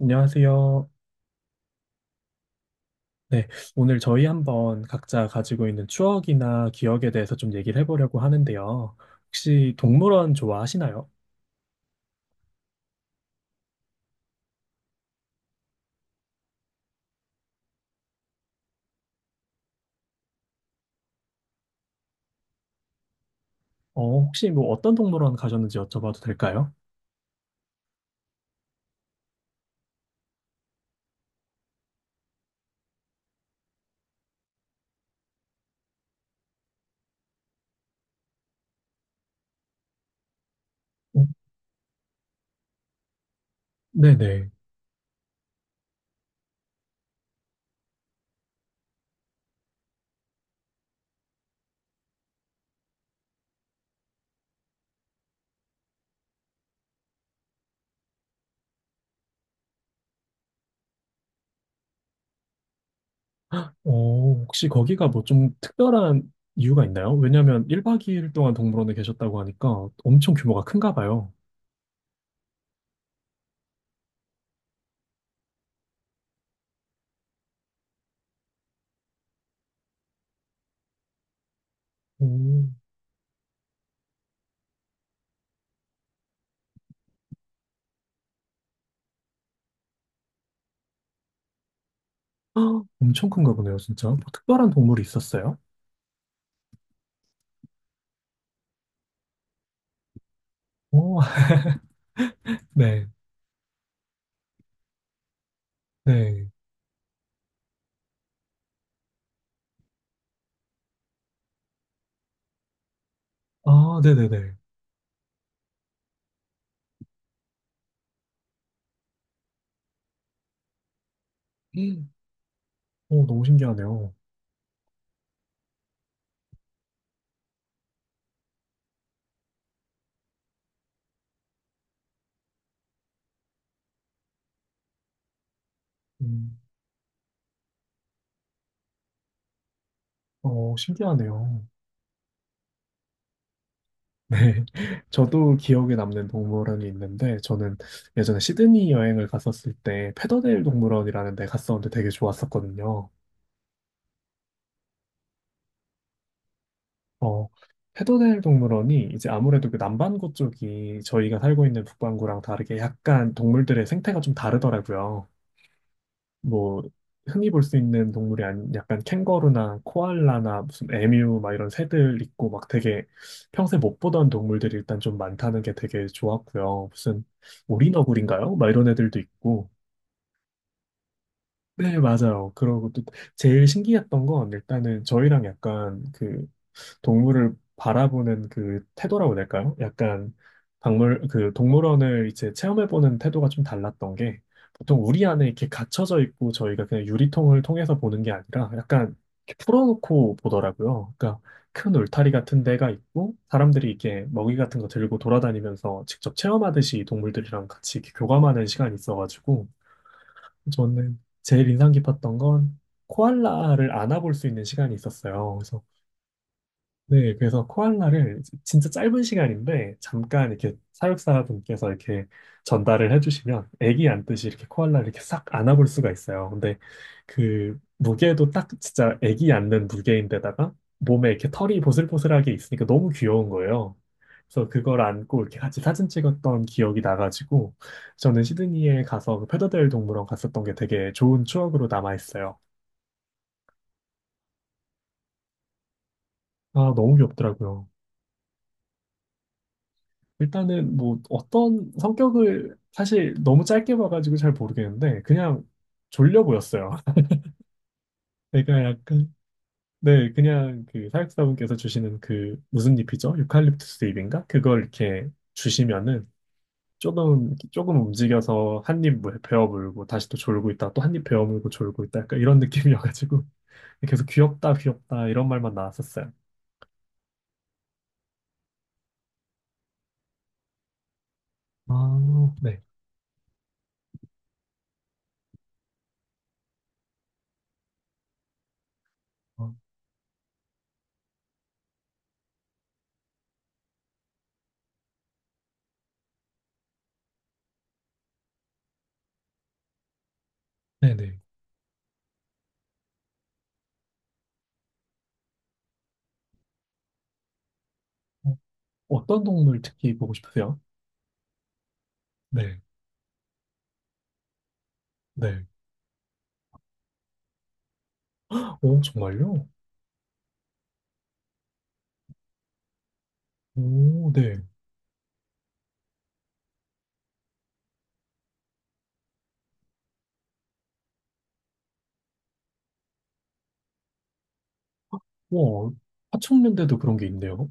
안녕하세요. 네, 오늘 저희 한번 각자 가지고 있는 추억이나 기억에 대해서 좀 얘기를 해보려고 하는데요. 혹시 동물원 좋아하시나요? 혹시 뭐 어떤 동물원 가셨는지 여쭤봐도 될까요? 어, 네네. 어, 혹시 거기가 뭐 좀 특별한 이유가 있나요? 왜냐면 1박 2일 동안 동물원에 계셨다고 하니까 엄청 규모가 큰가 봐요. 오, 헉, 엄청 큰가 보네요, 진짜. 뭐 특별한 동물이 있었어요? 오, 네, 네. 아, 네네네. 음, 오, 너무 신기하네요. 음, 어, 신기하네요. 네. 저도 기억에 남는 동물원이 있는데, 저는 예전에 시드니 여행을 갔었을 때, 페더데일 동물원이라는 데 갔었는데 되게 좋았었거든요. 어, 페더데일 동물원이 이제 아무래도 그 남반구 쪽이 저희가 살고 있는 북반구랑 다르게 약간 동물들의 생태가 좀 다르더라고요. 뭐 흔히 볼 수 있는 동물이 아닌 약간 캥거루나 코알라나 무슨 에뮤 막 이런 새들 있고 막 되게 평소에 못 보던 동물들이 일단 좀 많다는 게 되게 좋았고요. 무슨 오리너구리인가요? 막 이런 애들도 있고. 네, 맞아요. 그러고 또 제일 신기했던 건 일단은 저희랑 약간 그 동물을 바라보는 그 태도라고 해야 될까요? 약간 박물 그 동물원을 이제 체험해보는 태도가 좀 달랐던 게 보통 우리 안에 이렇게 갇혀져 있고 저희가 그냥 유리통을 통해서 보는 게 아니라 약간 이렇게 풀어놓고 보더라고요. 그러니까 큰 울타리 같은 데가 있고 사람들이 이렇게 먹이 같은 거 들고 돌아다니면서 직접 체험하듯이 동물들이랑 같이 이렇게 교감하는 시간이 있어가지고 저는 제일 인상 깊었던 건 코알라를 안아볼 수 있는 시간이 있었어요. 그래서 네, 그래서 코알라를 이제 진짜 짧은 시간인데 잠깐 이렇게 사육사분께서 이렇게 전달을 해주시면 애기 안듯이 이렇게 코알라를 이렇게 싹 안아볼 수가 있어요. 근데 그 무게도 딱 진짜 애기 안는 무게인데다가 몸에 이렇게 털이 보슬보슬하게 있으니까 너무 귀여운 거예요. 그래서 그걸 안고 이렇게 같이 사진 찍었던 기억이 나가지고 저는 시드니에 가서 그 페더데일 동물원 갔었던 게 되게 좋은 추억으로 남아 있어요. 아, 너무 귀엽더라고요. 일단은 뭐 어떤 성격을 사실 너무 짧게 봐가지고 잘 모르겠는데 그냥 졸려 보였어요. 그러니까 약간 네 그냥 그 사육사분께서 주시는 그 무슨 잎이죠? 유칼립투스 잎인가? 그걸 이렇게 주시면은 조금 조금 움직여서 한입 베어 물고 다시 또 졸고 있다 또 한입 베어 물고 졸고 있다 약간 이런 느낌이어가지고 계속 귀엽다 귀엽다 이런 말만 나왔었어요. 아, 네. 어, 네네. 어, 어떤 동물 특히 보고 싶으세요? 네. 네. 오, 정말요? 오, 네. 와, 화천년대도 그런 게 있네요.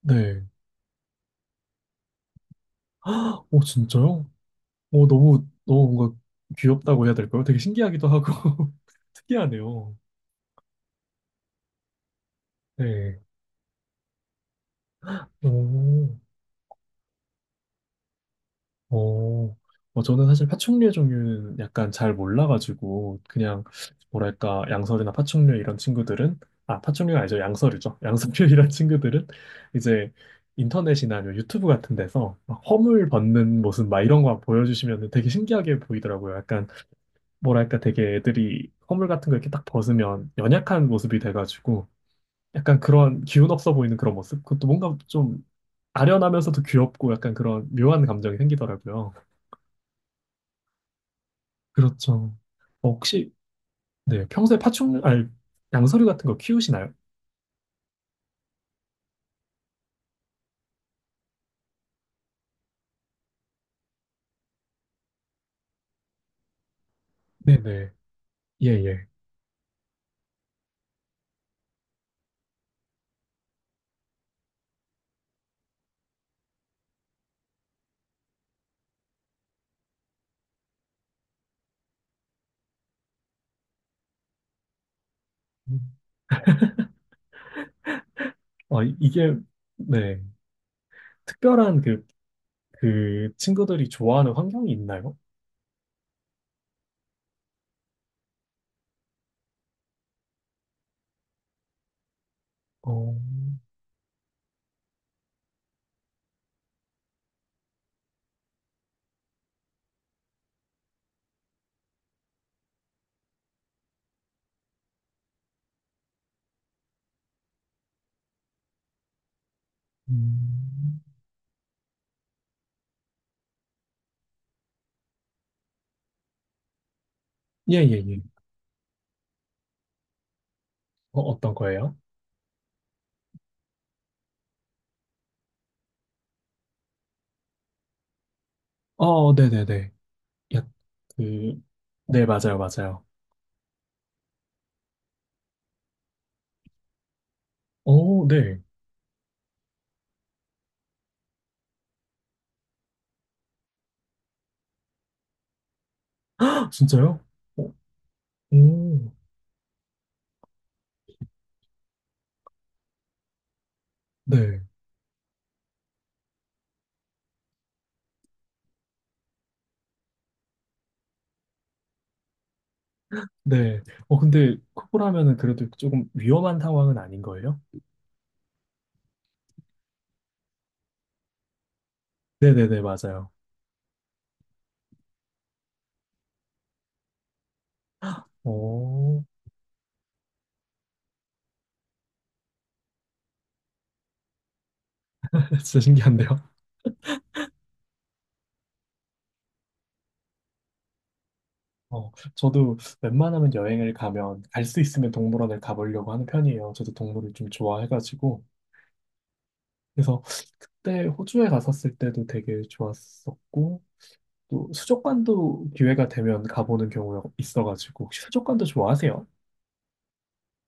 네. 오, 진짜요? 오, 너무, 너무 뭔가 귀엽다고 해야 될까요? 되게 신기하기도 하고, 특이하네요. 네. 오. 어, 저는 사실 파충류의 종류는 약간 잘 몰라가지고, 그냥, 뭐랄까, 양서류나 파충류 이런 친구들은, 아, 파충류가 아니죠. 양서류죠. 양서류 이런 친구들은, 이제, 인터넷이나 아니면 유튜브 같은 데서 막 허물 벗는 모습 막 이런 거 보여주시면 되게 신기하게 보이더라고요. 약간, 뭐랄까, 되게 애들이 허물 같은 거 이렇게 딱 벗으면 연약한 모습이 돼가지고, 약간 그런 기운 없어 보이는 그런 모습? 그것도 뭔가 좀 아련하면서도 귀엽고 약간 그런 묘한 감정이 생기더라고요. 그렇죠. 어, 혹시 네, 평소에 파충류, 아니, 양서류 같은 거 키우시나요? 네네. 예, 예. 음. 아, 이게, 네. 특별한 그, 그 친구들이 좋아하는 환경이 있나요? 어, 음. 예, 예, 예. 어떤 거예요? 어, 네네네. 야, 그, 네, 맞아요, 맞아요. 어, 네. 진짜요? 어, 오, 네, 네. 근데 코뿔하면은 그래도 조금 위험한 상황은 아닌 거예요? 네네네, 맞아요. 오, 진짜 신기한데요? 저도 웬만하면 여행을 가면 갈 수 있으면 동물원을 가보려고 하는 편이에요. 저도 동물을 좀 좋아해가지고. 그래서 그때 호주에 갔었을 때도 되게 좋았었고, 또 수족관도 기회가 되면 가보는 경우가 있어가지고, 혹시 수족관도 좋아하세요?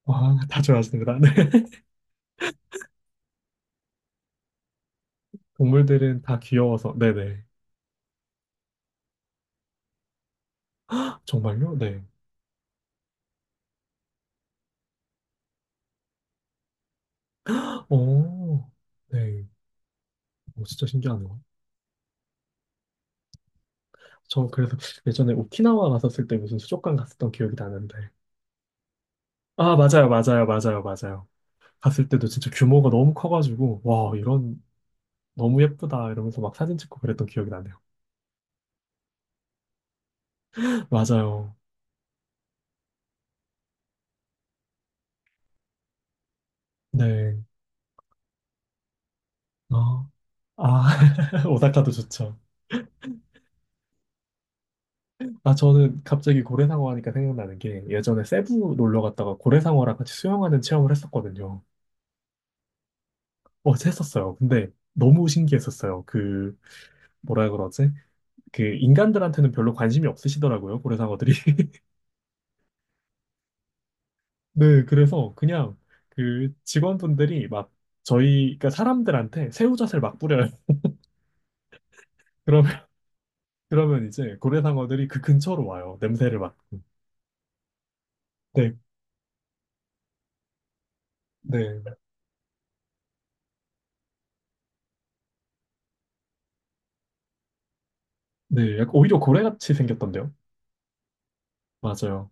와, 다 좋아하시는구나. 네. 동물들은 다 귀여워서, 네네. 정말요? 네. 오, 네. 오, 진짜 신기하네요. 저 그래서 예전에 오키나와 갔었을 때 무슨 수족관 갔었던 기억이 나는데, 아, 맞아요, 맞아요, 맞아요, 맞아요. 갔을 때도 진짜 규모가 너무 커가지고, 와, 이런, 너무 예쁘다, 이러면서 막 사진 찍고 그랬던 기억이 나네요. 맞아요. 네. 어. 아, 오사카도 좋죠. 아, 저는 갑자기 고래상어 하니까 생각나는 게, 예전에 세부 놀러 갔다가 고래상어랑 같이 수영하는 체험을 했었거든요. 어, 했었어요. 근데 너무 신기했었어요. 그, 뭐라 그러지? 그, 인간들한테는 별로 관심이 없으시더라고요, 고래상어들이. 네, 그래서 그냥 그 직원분들이 막 저희, 그러니까 사람들한테 새우젓을 막 뿌려요. 그러면, 그러면 이제 고래상어들이 그 근처로 와요. 냄새를 맡고. 네, 네, 네. 약간 오히려 고래같이 생겼던데요. 맞아요.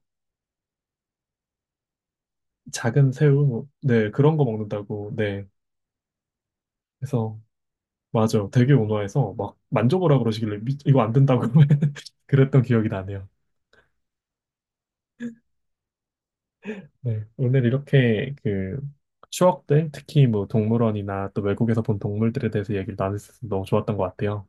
작은 새우, 뭐, 네, 그런 거 먹는다고, 네. 그래서, 맞아요. 되게 온화해서 막 만져보라 그러시길래 이거 안 된다고 그랬던 기억이 나네요. 네, 오늘 이렇게 그 추억들, 특히 뭐 동물원이나 또 외국에서 본 동물들에 대해서 얘기를 나눌 수 있어서 너무 좋았던 것 같아요.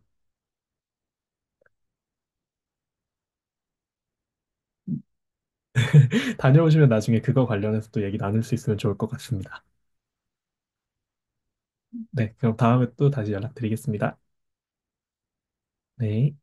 다녀오시면 나중에 그거 관련해서 또 얘기 나눌 수 있으면 좋을 것 같습니다. 네, 그럼 다음에 또 다시 연락드리겠습니다. 네.